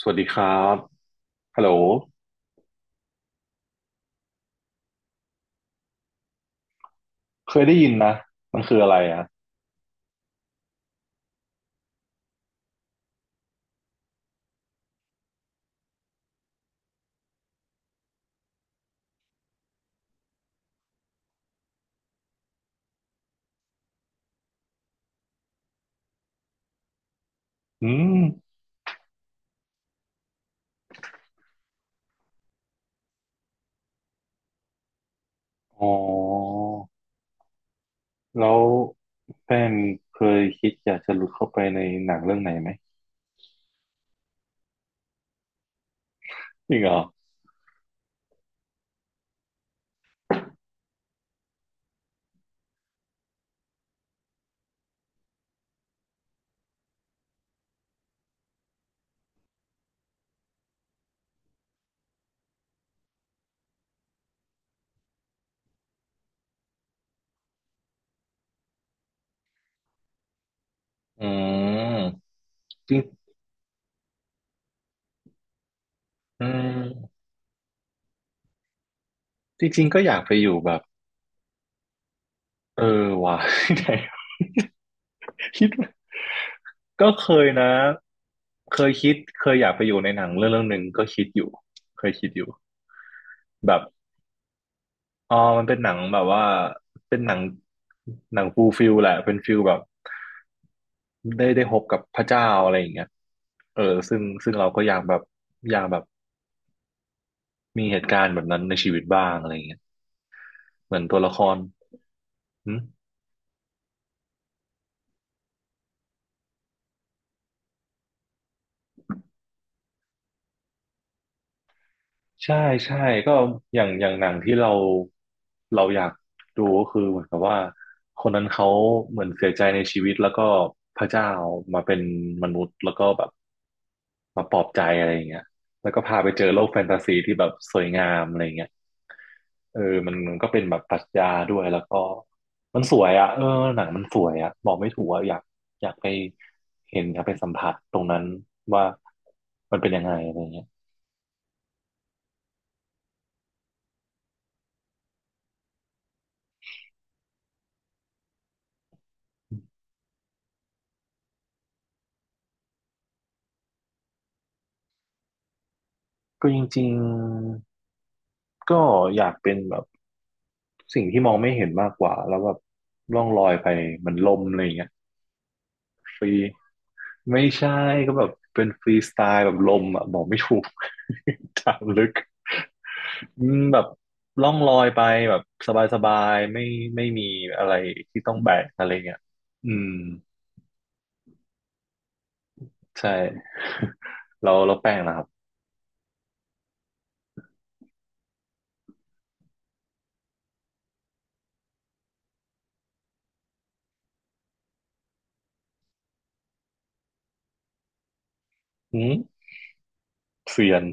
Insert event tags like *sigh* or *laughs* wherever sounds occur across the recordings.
สวัสดีครับฮัลโหลเคยได้ยินนะมันคืออะไรอ่ะอืมอ๋อแล้วแป้งเคยคิดอยากจะหลุดเข้าไปในหนังเรื่องไหนไหมจริงเหรออืมจริงอืมจริงๆก็อยากไปอยู่แบบเออว่ะ *laughs* ไหนคิดก็เคยนะ เคยคิดเคยอยากไปอยู่ในหนังเรื่องหนึ่งก็คิดอยู่เคยคิดอยู่แบบอ๋อมันเป็นหนังแบบว่าเป็นหนังหนังฟูลฟิลแหละเป็นฟิลแบบ ได้พบกับพระเจ้าอะไรอย่างเงี้ยเออซึ่งเราก็อยากแบบอยากแบบมีเหตุการณ์แบบนั้นในชีวิตบ้างอะไรอย่างเงี้ยเหมือนตัวละครหึ ใช่ใช่ก็อย่างอย่างหนังที่เราอยากดูก็คือเหมือนกับว่าคนนั้นเขาเหมือนเสียใจในชีวิตแล้วก็พระเจ้ามาเป็นมนุษย์แล้วก็แบบมาปลอบใจอะไรอย่างเงี้ยแล้วก็พาไปเจอโลกแฟนตาซีที่แบบสวยงามอะไรอย่างเงี้ยเออมันก็เป็นแบบปรัชญาด้วยแล้วก็มันสวยอ่ะเออหนังมันสวยอ่ะบอกไม่ถูกอ่ะอยากอยากไปเห็นอยากไปสัมผัสตรงนั้นว่ามันเป็นยังไงอะไรอย่างเงี้ยก็จริงๆ ก็อยากเป็นแบบสิ่งที่มองไม่เห็นมากกว่าแล้วแบบล่องลอยไปเหมันลมอะไรอย่างเงี้ยฟรีไม่ใช่ก็แบบเป็นฟรีสไตล์แบบลมอ่ะบอกไม่ถูก *laughs* ถามลึกอืมแบบล่องลอยไปแบบสบายๆไม่มีอะไรที่ต้องแบกอะไรเงี้ยอืมใช่เราแป้งนะครับอืมเซียน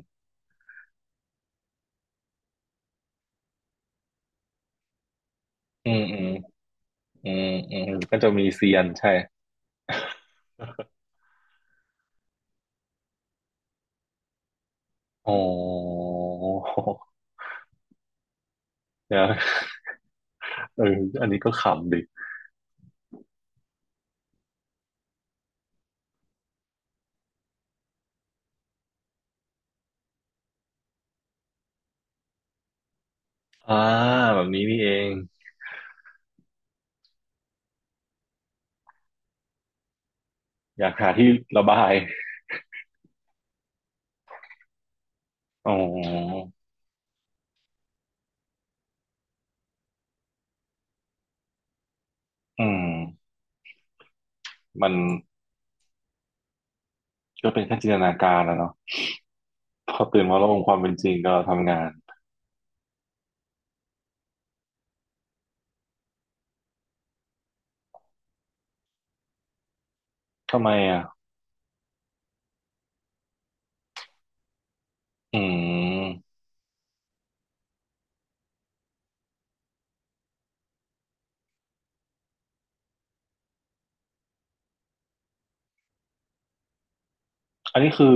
อืมอืมอืมอืมก็จะมีเซียนใช่อ๋อ *laughs* เดี๋ยวเอออันนี้ก็ขำดิ อ่าแบบนี้นี่เองอยากหาที่ระบายอ๋ออืมมันก็เป็นแค่จินตนาการนะเนาะพอตื่นมาแล้งคความเป็นจริงก็ทำงานทำไมอ่ะอืมอันนี้คือ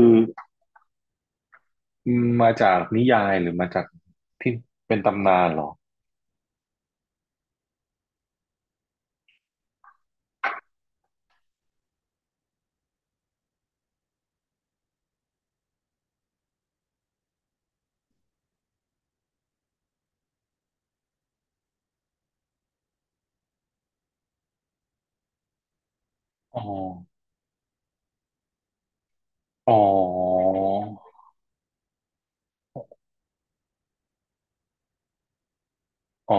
มาจากนิยายหรือมาจากที่เป็นตำนานเหรออ๋ออ๋ออ๋อ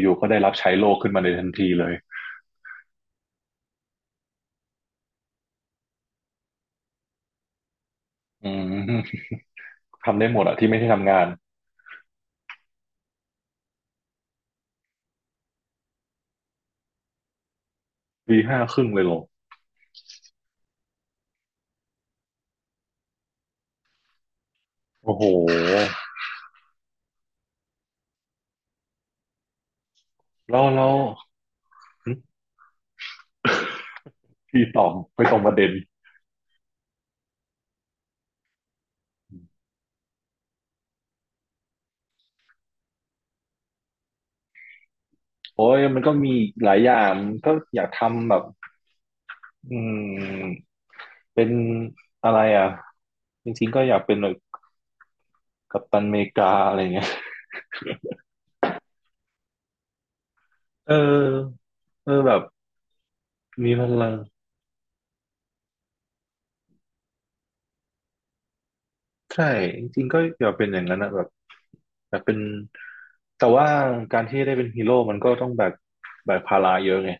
อยู่ๆก็ได้รับใช้โลกขึ้นมาในทันทีเลยอืมทำได้หมดอะที่ไม่ใช่ทำงานวี5 ครึ่งเลยเหรอโอ้โหแล้วแล้ว พี่ตอบไปตรงประเด็นโอ้ยมันก็มีหลายอย่างมันก็อยากทำแบบอืมเป็นอะไรอ่ะจริงๆก็อยากเป็นแบบกัปตันอเมริกาอะไรเงี้ยเออเออแบบมีพลังใช่จริงๆก็อยากเป็นอย่างนั้นนะแบบอยากเป็นแต่ว่าการที่ได้เป็นฮีโร่มันก็ต้องแบกภาระเยอะไง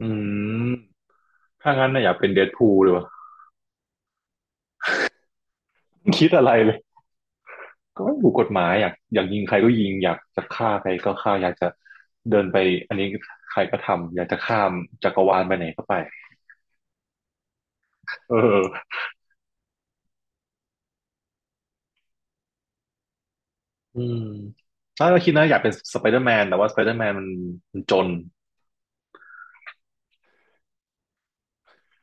อืมถ้างั้นนะอยากเป็นเดดพูลดีกว่า *laughs* คิดอะไรเลย ก็ถูกกฎหมายอยากยิงใครก็ยิงอยากจะฆ่าใครก็ฆ่าอยากจะเดินไปอันนี้ใครก็ทำอยากจะข้ามจักรวาลไปไหนก็ไปเอออืมถ้าเราคิดนะอยากเป็นสไปเดอร์แมนแต่ว่าสไปเดอร์แมนมันจน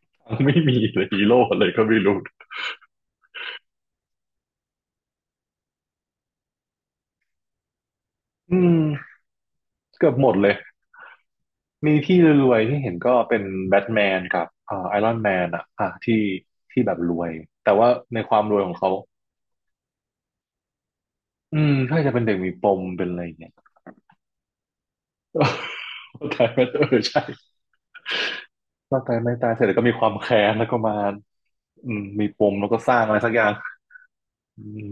*laughs* ไม่มีเลยฮีโร่เลยก็ไม่รู้อืมเกือบหมดเลยมีที่รวยๆเห็นก็เป็นแบทแมนกับไอรอนแมนอะอ่ะที่แบบรวยแต่ว่าในความรวยของเขาอืมถ้าจะเป็นเด็กมีปมเป็นอะไรอย่างเงี้ย *laughs* เข้ามเออใช่ ร่างกายไม่ตายเสร็จแล้วก็มีความแค้นแล้วก็มาอืมมีปมแล้วก็สร้างอะไรสักอย่างอืม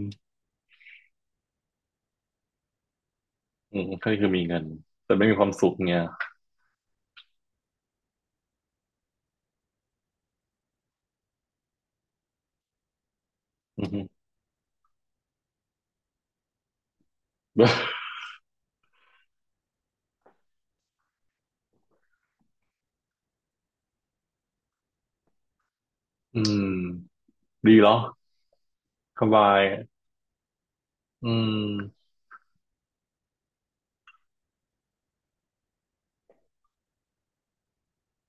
อืมก็คือมีเงินแต่ไม่มีความสุขเงี้ยอืม *laughs* อืมดีเหรอสบายอืม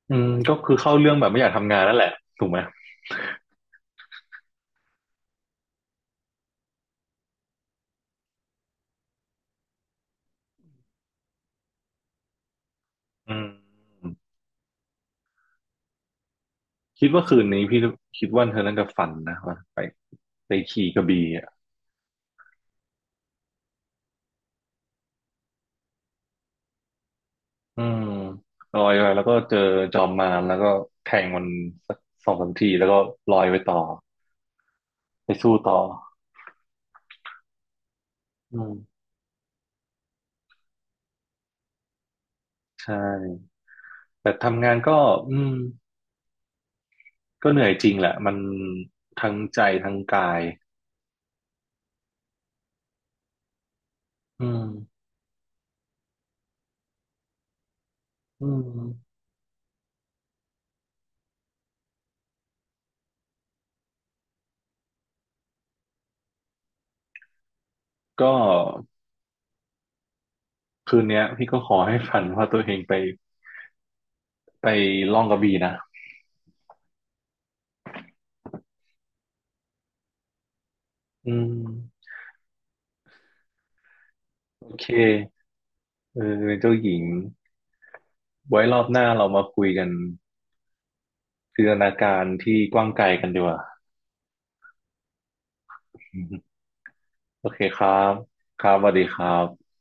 อืมก็คือเข้าเรื่องแบบไม่อยากทำงานนั่นแหละถูกไหมอืมคิดว่าคืนนี้พี่คิดว่าเธอน่าจะฝันนะว่าไปไปขี่กระบี่อ่ะอืมลอยไปแล้วก็เจอจอมมารแล้วก็แทงมันสัก2 3 ทีแล้วก็ลอยไปต่อไปสู้ต่ออืม ใช่แต่ทำงานก็อืมก็เหนื่อยจริงแหละมันทั้งใจทั้งกายอืมอืมก็คืนเนี้ยพี่ก็ขอให้ฝันว่าตัวเองไปไปล่องกระบี่นะอืมโอเคเออเจ้าหญิงไว้รอบหน้าเรามาคุยกันจินตนาการที่กว้างไกลกันดีกว่าโอเคครับครับสวัสดีครับ